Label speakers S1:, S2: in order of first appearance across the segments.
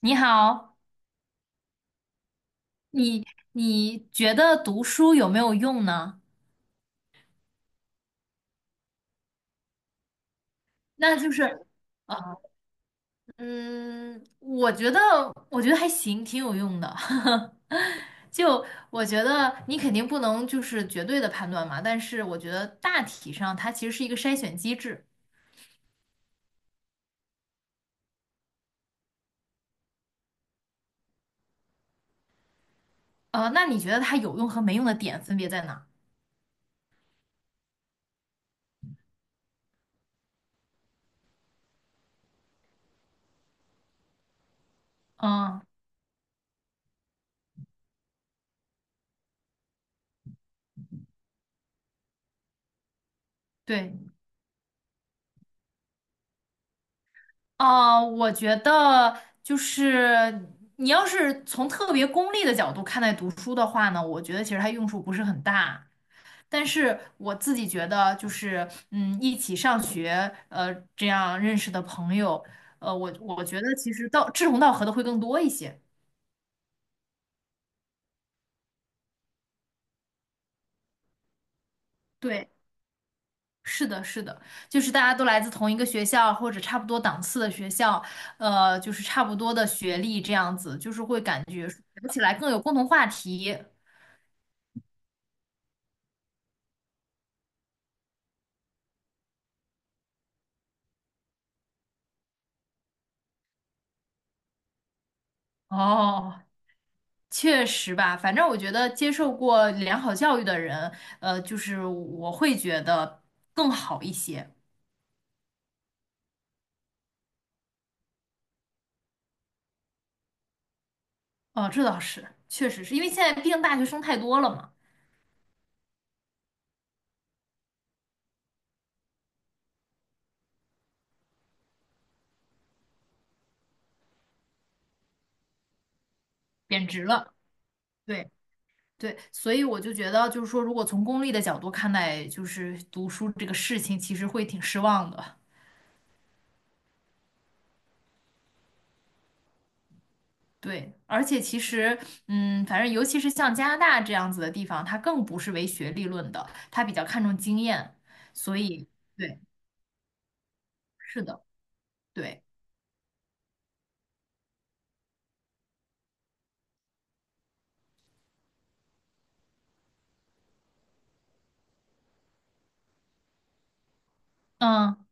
S1: 你好，你你觉得读书有没有用呢？那就是，啊，嗯，我觉得我觉得还行，挺有用的。就我觉得你肯定不能就是绝对的判断嘛，但是我觉得大体上它其实是一个筛选机制。那你觉得它有用和没用的点分别在哪？嗯，对。啊，我觉得就是你要是从特别功利的角度看待读书的话呢，我觉得其实它用处不是很大。但是我自己觉得，就是嗯，一起上学，这样认识的朋友，呃，我觉得其实到志同道合的会更多一些。对，是的，是的，就是大家都来自同一个学校或者差不多档次的学校，就是差不多的学历这样子，就是会感觉聊起来更有共同话题。哦。确实吧，反正我觉得接受过良好教育的人，就是我会觉得更好一些。哦，这倒是，确实是因为现在毕竟大学生太多了嘛，贬值了。对对，所以我就觉得，就是说，如果从功利的角度看待，就是读书这个事情，其实会挺失望的。对，而且其实，嗯，反正尤其是像加拿大这样子的地方，它更不是唯学历论的，它比较看重经验，所以对，是的，对。嗯，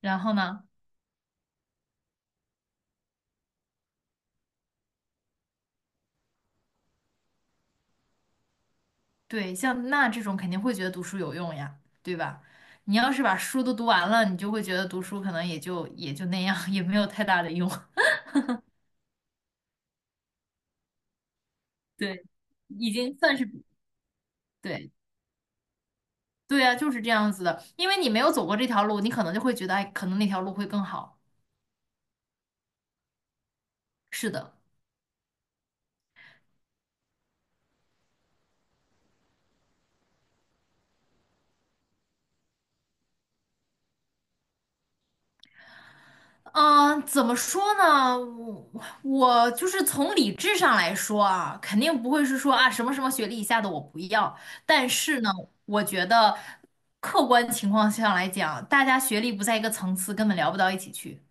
S1: 然后呢，对，像那这种肯定会觉得读书有用呀，对吧？你要是把书都读完了，你就会觉得读书可能也就也就那样，也没有太大的用。对，已经算是对对啊，就是这样子的，因为你没有走过这条路，你可能就会觉得，哎，可能那条路会更好。是的。嗯，怎么说呢？我就是从理智上来说啊，肯定不会是说啊什么什么学历以下的我不要。但是呢，我觉得客观情况下来讲，大家学历不在一个层次，根本聊不到一起去。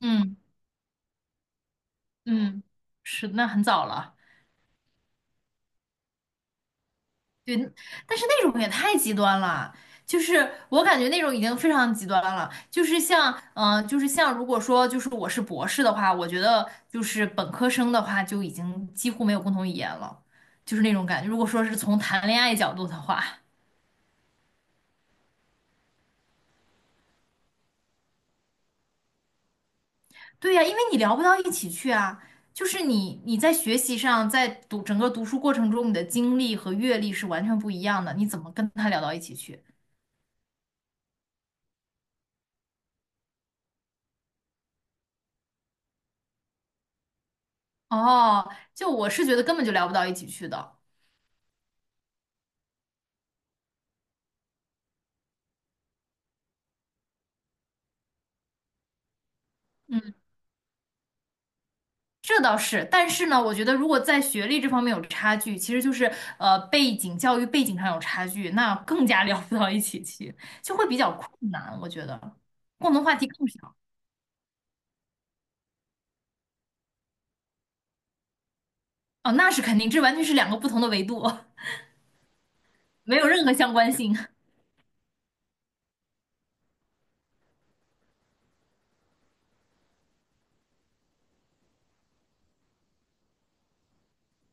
S1: 嗯嗯，是，那很早了。对，但是那种也太极端了，就是我感觉那种已经非常极端了。就是像，嗯、就是像，如果说就是我是博士的话，我觉得就是本科生的话就已经几乎没有共同语言了，就是那种感觉。如果说是从谈恋爱角度的话，对呀、因为你聊不到一起去啊。就是你在学习上，在读整个读书过程中，你的经历和阅历是完全不一样的，你怎么跟他聊到一起去？哦，就我是觉得根本就聊不到一起去的。嗯。这倒是，但是呢，我觉得如果在学历这方面有差距，其实就是背景、教育背景上有差距，那更加 聊不到一起去，就会比较困难。我觉得共同话题更少。哦，那是肯定，这完全是两个不同的维度，没有任何相关性。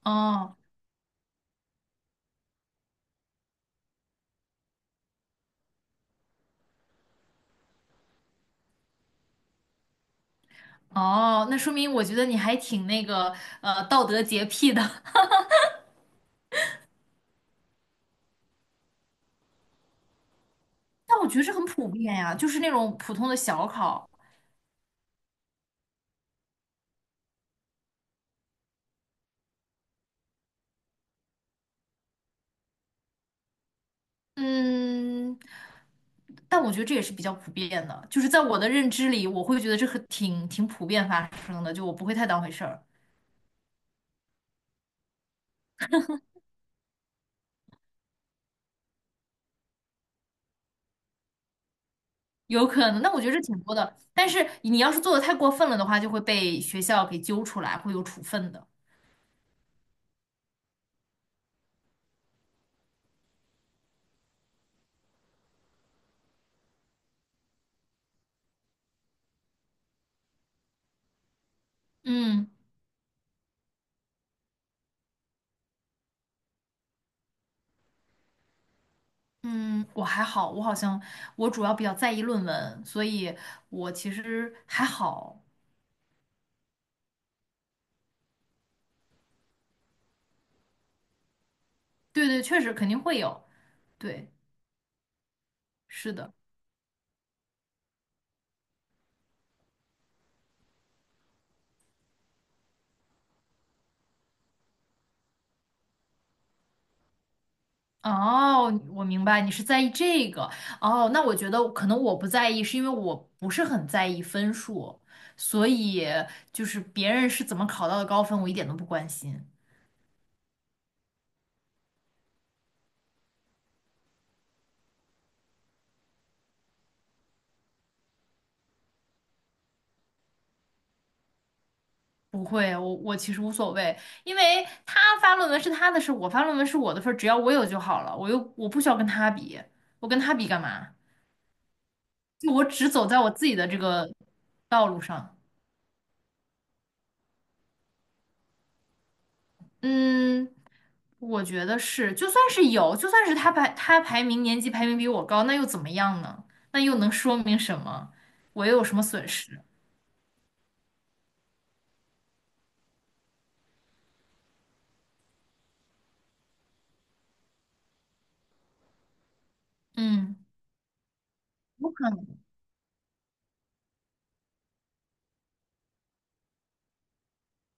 S1: 哦哦，那说明我觉得你还挺那个道德洁癖的。但我觉得这很普遍呀，就是那种普通的小考，嗯，但我觉得这也是比较普遍的，就是在我的认知里，我会觉得这很挺普遍发生的，就我不会太当回事儿。有可能，那我觉得这挺多的。但是你要是做的太过分了的话，就会被学校给揪出来，会有处分的。嗯嗯，我还好，我好像我主要比较在意论文，所以我其实还好。对对，确实肯定会有。对，是的。哦，我明白，你是在意这个。哦，那我觉得可能我不在意，是因为我不是很在意分数，所以就是别人是怎么考到的高分，我一点都不关心。不会，我其实无所谓，因为他发论文是他的事，我发论文是我的份儿，只要我有就好了。我不需要跟他比，我跟他比干嘛？就我只走在我自己的这个道路上。嗯，我觉得是，就算是有，就算是他排名年级排名比我高，那又怎么样呢？那又能说明什么？我又有什么损失？嗯，有可能。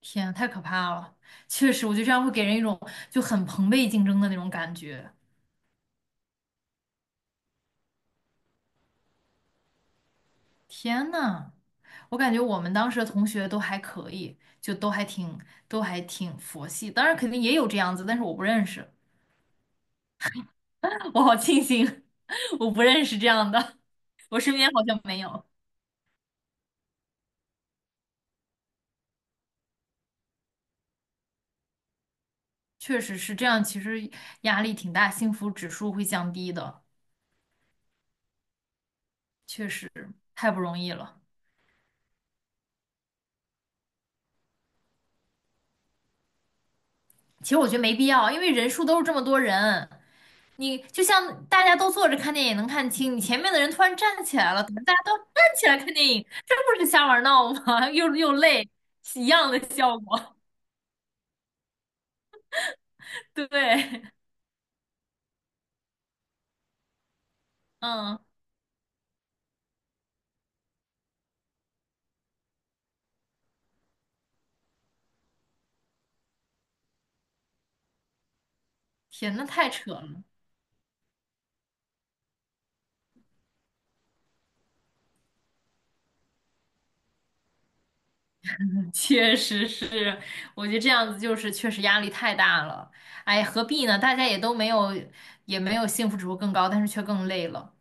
S1: 天，太可怕了！确实，我觉得这样会给人一种就很朋辈竞争的那种感觉。天呐，我感觉我们当时的同学都还可以，就都还挺佛系，当然肯定也有这样子，但是我不认识，我好庆幸 我不认识这样的，我身边好像没有。确实是这样，其实压力挺大，幸福指数会降低的，确实太不容易了。其实我觉得没必要，因为人数都是这么多人，你就像大家都坐着看电影能看清，你前面的人突然站起来了，怎么大家都站起来看电影，这不是瞎玩闹吗？又累，一样的效果。对，嗯，天，那太扯了。确实是，我觉得这样子就是确实压力太大了。哎，何必呢？大家也都没有，也没有幸福指数更高，但是却更累了。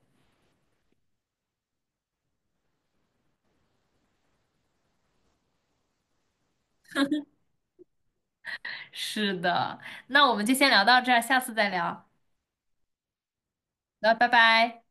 S1: 是的，那我们就先聊到这儿，下次再聊。那拜拜。